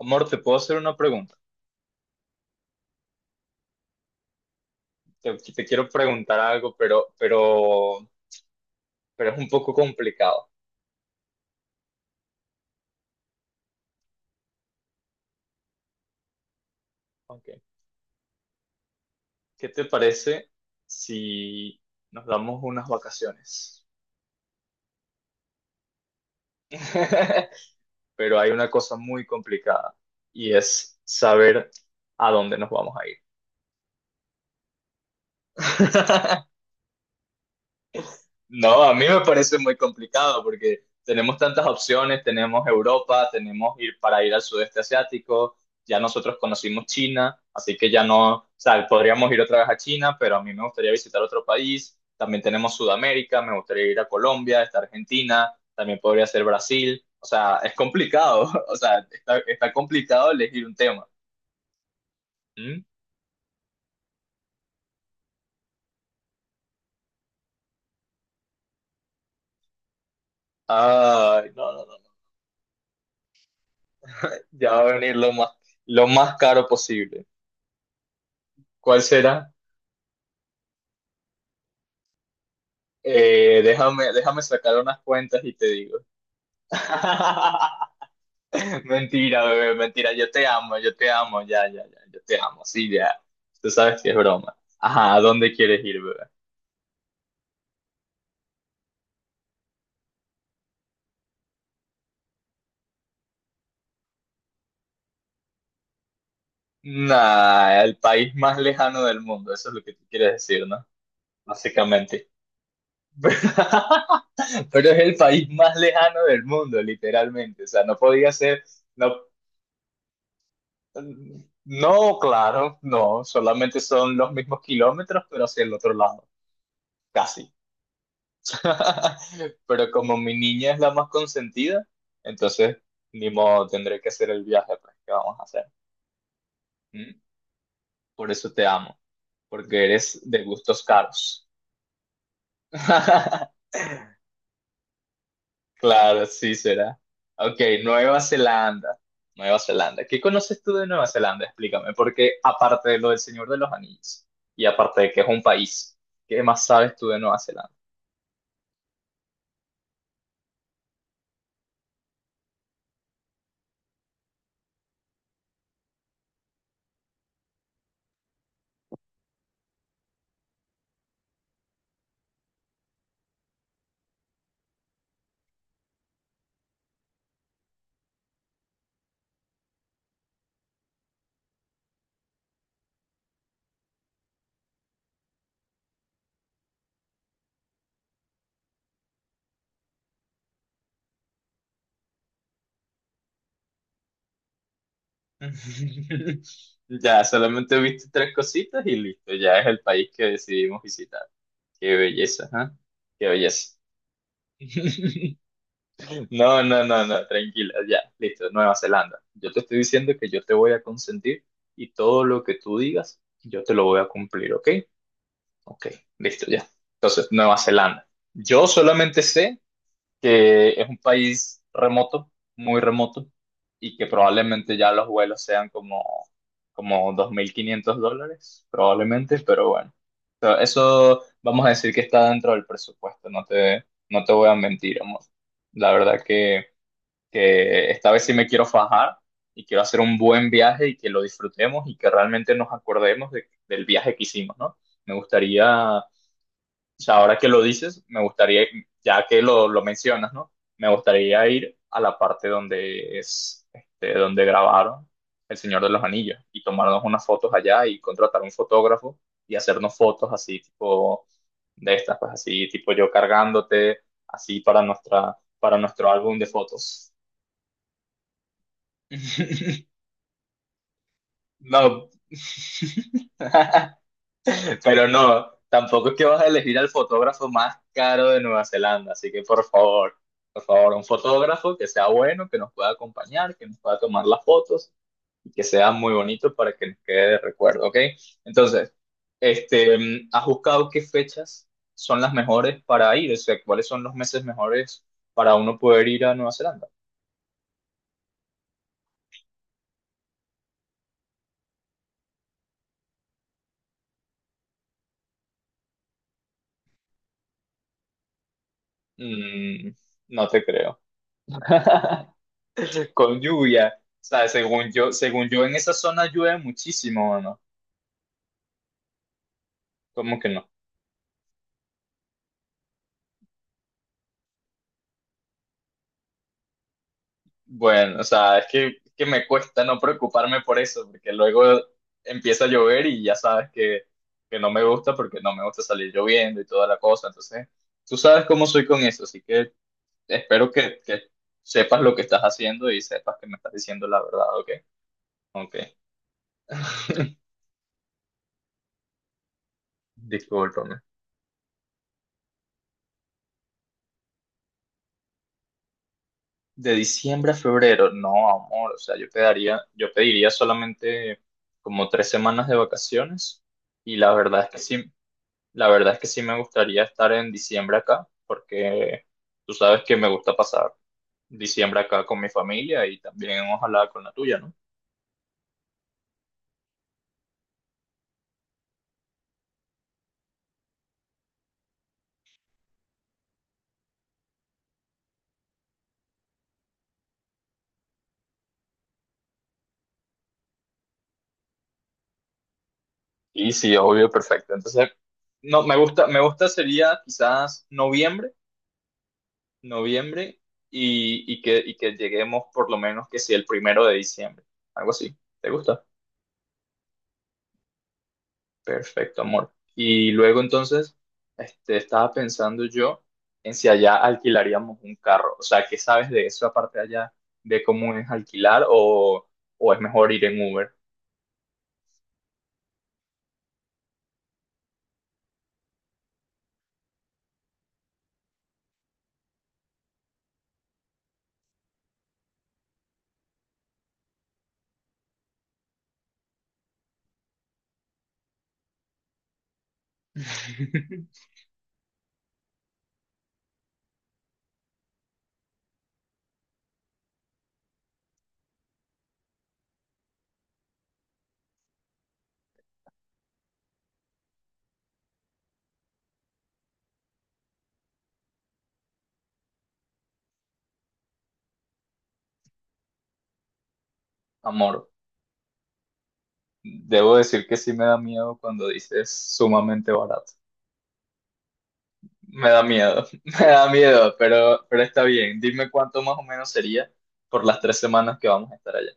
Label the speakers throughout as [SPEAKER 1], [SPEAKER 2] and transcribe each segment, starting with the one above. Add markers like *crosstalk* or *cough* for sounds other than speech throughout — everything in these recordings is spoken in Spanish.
[SPEAKER 1] Amor, te puedo hacer una pregunta. Te quiero preguntar algo, pero es un poco complicado. Ok. ¿Qué te parece si nos damos unas vacaciones? *laughs* Pero hay una cosa muy complicada y es saber a dónde nos vamos a ir. *laughs* No, a mí me parece muy complicado porque tenemos tantas opciones, tenemos Europa, tenemos ir al sudeste asiático, ya nosotros conocimos China, así que ya no, o sea, podríamos ir otra vez a China, pero a mí me gustaría visitar otro país, también tenemos Sudamérica, me gustaría ir a Colombia, está Argentina, también podría ser Brasil, o sea, es complicado, *laughs* o sea, está complicado elegir un tema. ¿Mm? Ay, no, no, no, ya va a venir lo más caro posible. ¿Cuál será? Déjame sacar unas cuentas y te digo. *laughs* Mentira, bebé, mentira. Yo te amo, ya, ya, ya, yo te amo, sí, ya. Tú sabes que es broma. Ajá, ¿a dónde quieres ir, bebé? Nah, el país más lejano del mundo, eso es lo que tú quieres decir, ¿no? Básicamente. *laughs* Pero es el país más lejano del mundo, literalmente. O sea, no podía ser, no, no, claro, no, solamente son los mismos kilómetros, pero hacia el otro lado, casi. *laughs* Pero como mi niña es la más consentida, entonces ni modo, tendré que hacer el viaje, pues, ¿qué vamos a hacer? ¿Mm? Por eso te amo, porque eres de gustos caros. *laughs* Claro, sí será. Ok, Nueva Zelanda. Nueva Zelanda. ¿Qué conoces tú de Nueva Zelanda? Explícame, porque aparte de lo del Señor de los Anillos y aparte de que es un país, ¿qué más sabes tú de Nueva Zelanda? *laughs* Ya, solamente viste tres cositas y listo, ya es el país que decidimos visitar. Qué belleza, ¿ah? Qué belleza. *laughs* No, no, no, no, tranquila, ya, listo, Nueva Zelanda. Yo te estoy diciendo que yo te voy a consentir y todo lo que tú digas, yo te lo voy a cumplir, ¿ok? Ok, listo, ya. Entonces, Nueva Zelanda. Yo solamente sé que es un país remoto, muy remoto, y que probablemente ya los vuelos sean como $2,500, probablemente, pero bueno. Pero eso vamos a decir que está dentro del presupuesto, no te voy a mentir, amor. La verdad que esta vez sí me quiero fajar y quiero hacer un buen viaje y que lo disfrutemos y que realmente nos acordemos del viaje que hicimos, ¿no? Me gustaría o sea, ahora que lo dices, me gustaría, ya que lo mencionas, ¿no? Me gustaría ir a la parte donde es, este, donde grabaron El Señor de los Anillos y tomarnos unas fotos allá y contratar un fotógrafo y hacernos fotos así, tipo de estas, pues así, tipo yo cargándote, así para nuestro álbum de fotos. *laughs* No. *laughs* Pero no, tampoco es que vas a elegir al fotógrafo más caro de Nueva Zelanda, así que por favor, un fotógrafo que sea bueno, que nos pueda acompañar, que nos pueda tomar las fotos y que sea muy bonito para que nos quede de recuerdo, ¿ok? Entonces, este, ¿has buscado qué fechas son las mejores para ir? O sea, ¿cuáles son los meses mejores para uno poder ir a Nueva Zelanda? Mm, no te creo. *laughs* Con lluvia. O sea, según yo en esa zona llueve muchísimo, ¿no? ¿Cómo que no? Bueno, o sea, es que me cuesta no preocuparme por eso, porque luego empieza a llover y ya sabes que no me gusta porque no me gusta salir lloviendo y toda la cosa. Entonces, tú sabes cómo soy con eso, así que espero que sepas lo que estás haciendo y sepas que me estás diciendo la verdad, ¿ok? Ok, *laughs* discúlpame. De diciembre a febrero, no, amor, o sea, yo pediría solamente como 3 semanas de vacaciones y la verdad es que sí. La verdad es que sí me gustaría estar en diciembre acá, porque tú sabes que me gusta pasar diciembre acá con mi familia y también ojalá con la tuya, ¿no? Y sí, obvio, perfecto. Entonces, no, me gusta sería quizás noviembre, noviembre y que lleguemos por lo menos que si el primero de diciembre, algo así. ¿Te gusta? Perfecto, amor. Y luego entonces, este, estaba pensando yo en si allá alquilaríamos un carro. O sea, ¿qué sabes de eso de cómo es alquilar o es mejor ir en Uber? *laughs* Amor, debo decir que sí me da miedo cuando dices sumamente barato. Me da miedo, *laughs* me da miedo, pero está bien. Dime cuánto más o menos sería por las 3 semanas que vamos a estar allá.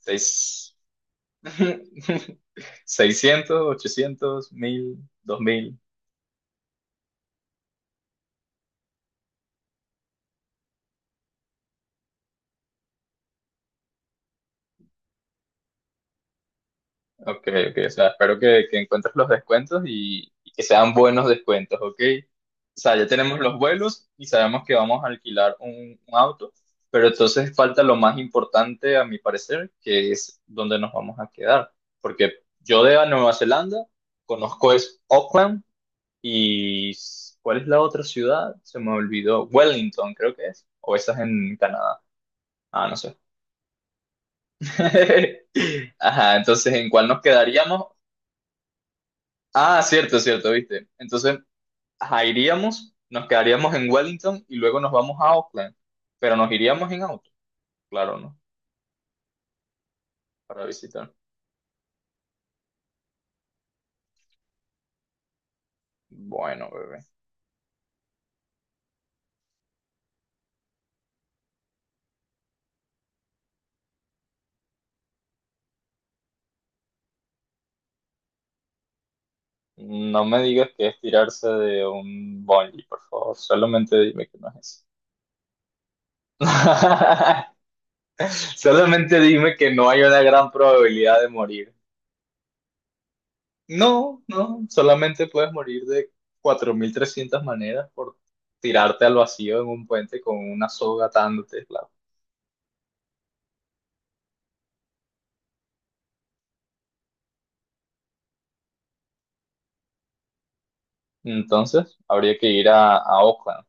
[SPEAKER 1] Seis. *laughs* 600, 800, 1000, 2000. Ok, ok. O sea, espero que encuentres los descuentos y que sean buenos descuentos, ok. O sea, ya tenemos los vuelos y sabemos que vamos a alquilar un auto, pero entonces falta lo más importante, a mi parecer, que es dónde nos vamos a quedar. Porque yo de a Nueva Zelanda conozco es Auckland y ¿cuál es la otra ciudad? Se me olvidó. Wellington, creo que es. O esa es en Canadá. Ah, no sé. *laughs* Ajá, entonces, ¿en cuál nos quedaríamos? Ah, cierto, cierto, viste. Entonces, ajá, iríamos, nos quedaríamos en Wellington y luego nos vamos a Auckland. Pero nos iríamos en auto, claro, ¿no? Para visitar. Bueno, bebé. No me digas que es tirarse de un bungee, por favor. Solamente dime que no es eso. *laughs* Solamente dime que no hay una gran probabilidad de morir. No, no, solamente puedes morir de 4,300 maneras por tirarte al vacío en un puente con una soga atándote, claro. Entonces, habría que ir a Oakland.